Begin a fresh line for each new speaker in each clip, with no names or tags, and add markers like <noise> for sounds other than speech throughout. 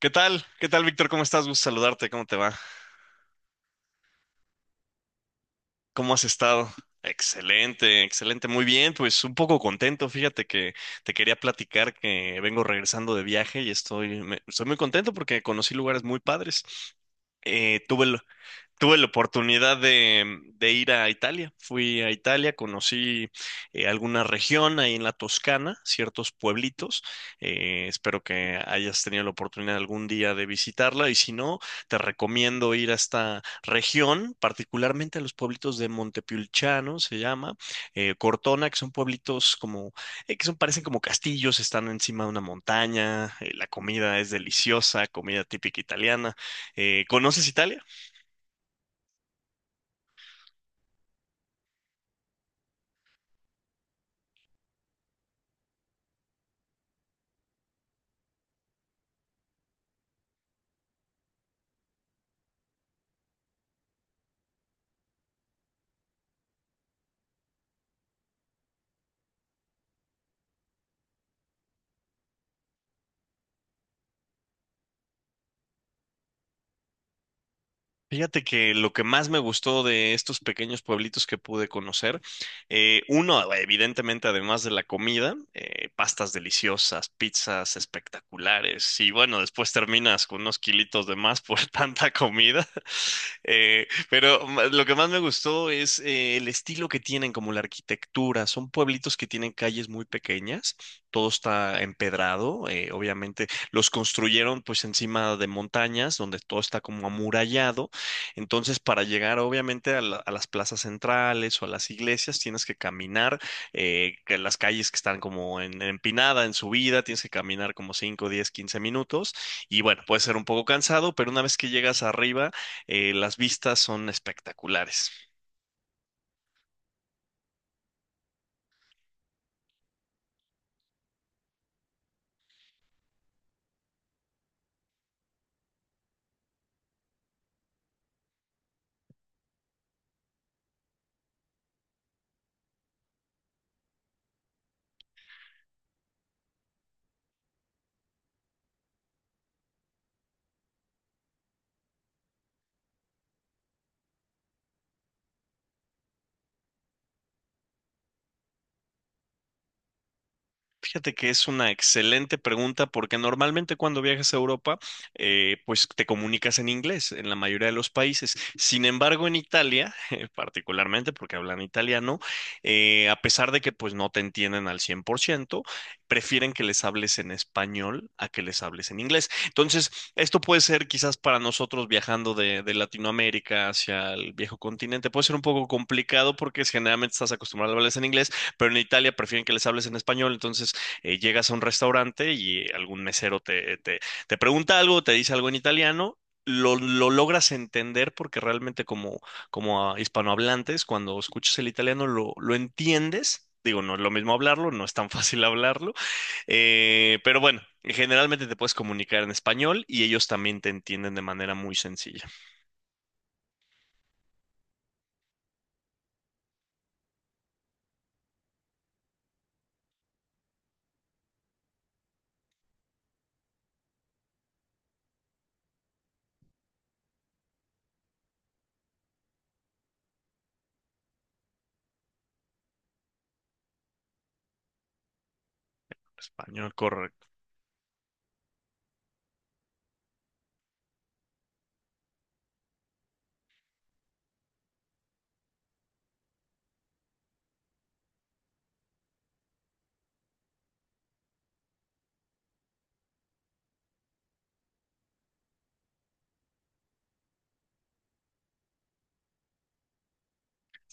¿Qué tal? ¿Qué tal, Víctor? ¿Cómo estás? Gusto saludarte. ¿Cómo te va? ¿Cómo has estado? Excelente, excelente. Muy bien, pues un poco contento. Fíjate que te quería platicar que vengo regresando de viaje y estoy, estoy muy contento porque conocí lugares muy padres. Eh, tuve el- Tuve la oportunidad de ir a Italia. Fui a Italia, conocí alguna región ahí en la Toscana, ciertos pueblitos. Espero que hayas tenido la oportunidad algún día de visitarla y si no, te recomiendo ir a esta región, particularmente a los pueblitos de Montepulciano, se llama, Cortona, que son pueblitos como, que son, parecen como castillos, están encima de una montaña, la comida es deliciosa, comida típica italiana. ¿Conoces Italia? Fíjate que lo que más me gustó de estos pequeños pueblitos que pude conocer, uno, evidentemente, además de la comida, pastas deliciosas, pizzas espectaculares, y bueno, después terminas con unos kilitos de más por <laughs> tanta comida. Pero lo que más me gustó es el estilo que tienen, como la arquitectura. Son pueblitos que tienen calles muy pequeñas, todo está empedrado, obviamente los construyeron pues encima de montañas, donde todo está como amurallado. Entonces, para llegar obviamente a las plazas centrales o a las iglesias, tienes que caminar, que las calles que están como empinada, en subida, tienes que caminar como 5, 10, 15 minutos. Y bueno, puede ser un poco cansado, pero una vez que llegas arriba, las vistas son espectaculares. Fíjate que es una excelente pregunta porque normalmente cuando viajas a Europa, pues te comunicas en inglés en la mayoría de los países. Sin embargo, en Italia, <laughs> particularmente porque hablan italiano, a pesar de que pues no te entienden al 100% prefieren que les hables en español a que les hables en inglés. Entonces, esto puede ser quizás para nosotros viajando de Latinoamérica hacia el viejo continente, puede ser un poco complicado porque generalmente estás acostumbrado a hablarles en inglés, pero en Italia prefieren que les hables en español. Entonces, llegas a un restaurante y algún mesero te pregunta algo, te dice algo en italiano, lo logras entender porque realmente como, hispanohablantes, cuando escuchas el italiano lo entiendes. Digo, no es lo mismo hablarlo, no es tan <laughs> fácil hablarlo, pero bueno, generalmente te puedes comunicar en español y ellos también te entienden de manera muy sencilla. Español, correcto.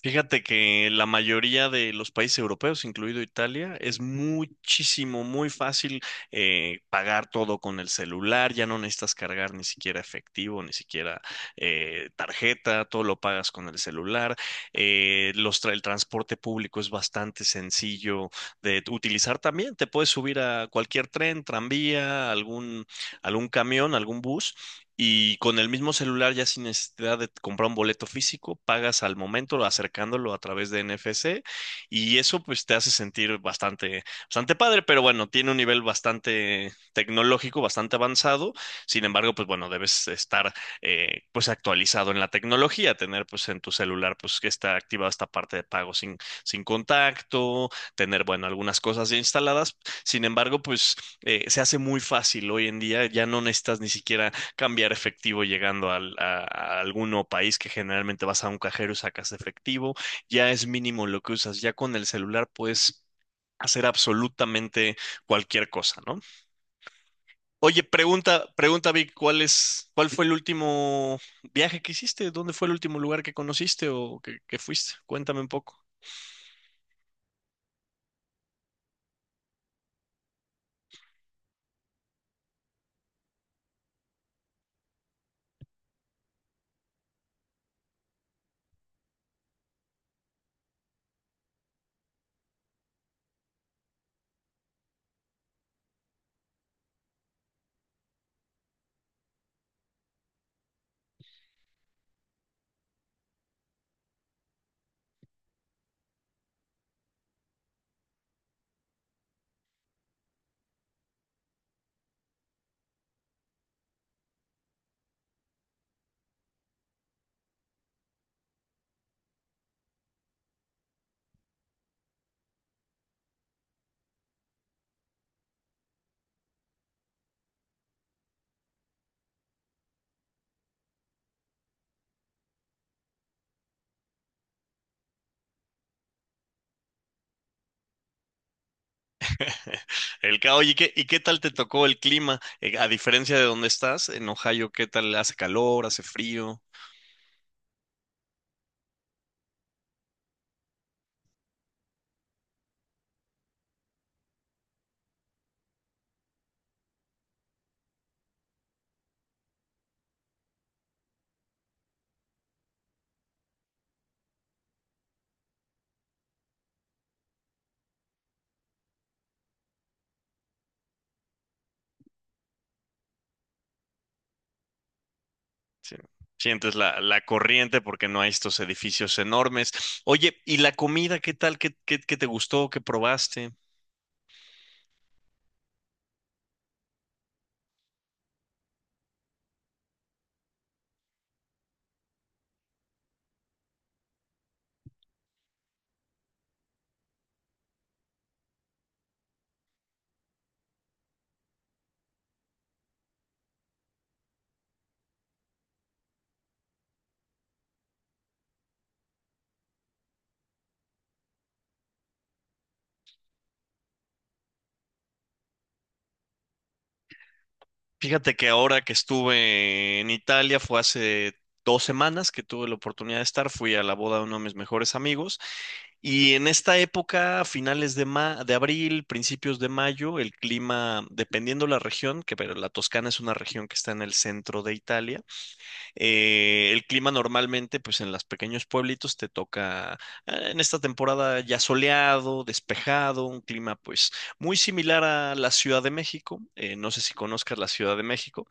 Fíjate que la mayoría de los países europeos, incluido Italia, es muchísimo, muy fácil pagar todo con el celular, ya no necesitas cargar ni siquiera efectivo, ni siquiera tarjeta, todo lo pagas con el celular. El transporte público es bastante sencillo de utilizar también, te puedes subir a cualquier tren, tranvía, algún camión, algún bus y, con el mismo celular, ya sin necesidad de comprar un boleto físico, pagas al momento acercándolo a través de NFC, y eso pues te hace sentir bastante, bastante padre, pero bueno, tiene un nivel bastante tecnológico, bastante avanzado. Sin embargo, pues bueno, debes estar pues actualizado en la tecnología, tener pues en tu celular pues que está activada esta parte de pago sin contacto, tener bueno, algunas cosas ya instaladas. Sin embargo, pues se hace muy fácil hoy en día, ya no necesitas ni siquiera cambiar efectivo llegando a alguno país, que generalmente vas a un cajero y sacas efectivo. Ya es mínimo lo que usas, ya con el celular puedes hacer absolutamente cualquier cosa, ¿no? Oye, pregunta, pregunta, Vic, ¿cuál es, cuál fue el último viaje que hiciste? ¿Dónde fue el último lugar que conociste o que fuiste? Cuéntame un poco. <laughs> Oye, ¿y qué tal te tocó el clima? A diferencia de donde estás, en Ohio, ¿qué tal, hace calor, hace frío? Sí. Sientes la corriente porque no hay estos edificios enormes. Oye, ¿y la comida qué tal? ¿Qué te gustó? ¿Qué probaste? Fíjate que ahora que estuve en Italia, fue hace 2 semanas que tuve la oportunidad de estar, fui a la boda de uno de mis mejores amigos. Y en esta época, a finales de abril, principios de mayo, el clima, dependiendo la región, que, pero la Toscana es una región que está en el centro de Italia, el clima normalmente, pues en los pequeños pueblitos te toca en esta temporada ya soleado, despejado, un clima pues muy similar a la Ciudad de México. No sé si conozcas la Ciudad de México.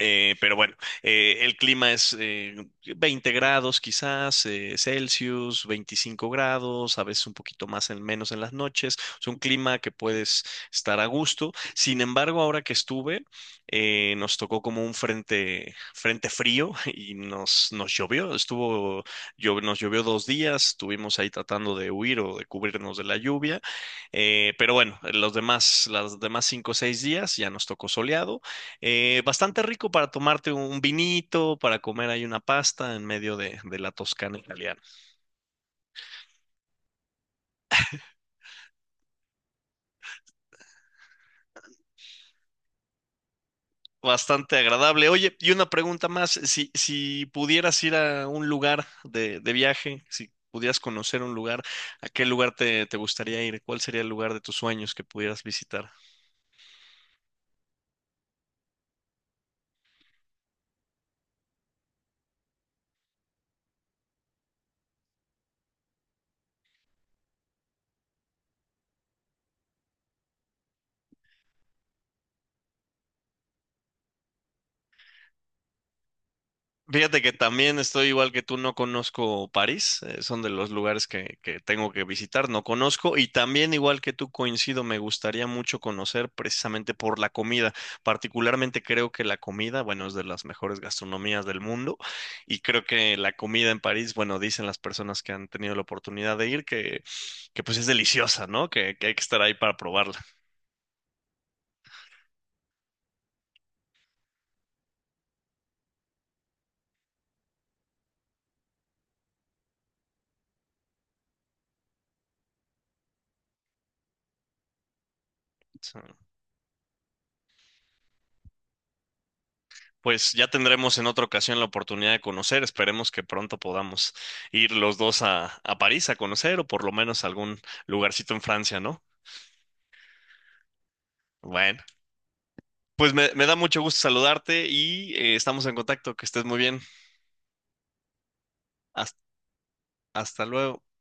Pero bueno, el clima es 20 grados quizás, Celsius, 25 grados, a veces un poquito más en menos en las noches. Es un clima que puedes estar a gusto. Sin embargo, ahora que estuve, nos tocó como un frente frío <laughs> y nos llovió. Nos llovió 2 días, estuvimos ahí tratando de huir o de cubrirnos de la lluvia. Pero bueno, los demás, las demás 5 o 6 días ya nos tocó soleado. Bastante rico para tomarte un vinito, para comer ahí una pasta en medio de la Toscana italiana. Bastante agradable. Oye, y una pregunta más, si pudieras ir a un lugar de viaje, si pudieras conocer un lugar, ¿a qué lugar te gustaría ir? ¿Cuál sería el lugar de tus sueños que pudieras visitar? Fíjate que también estoy igual que tú, no conozco París, son de los lugares que tengo que visitar, no conozco, y también igual que tú coincido, me gustaría mucho conocer precisamente por la comida. Particularmente creo que la comida, bueno, es de las mejores gastronomías del mundo, y creo que la comida en París, bueno, dicen las personas que han tenido la oportunidad de ir que, pues es deliciosa, ¿no? Que hay que estar ahí para probarla. Pues ya tendremos en otra ocasión la oportunidad de conocer. Esperemos que pronto podamos ir los dos a París a conocer, o por lo menos a algún lugarcito en Francia, ¿no? Bueno, pues me da mucho gusto saludarte y, estamos en contacto. Que estés muy bien. Hasta, hasta luego.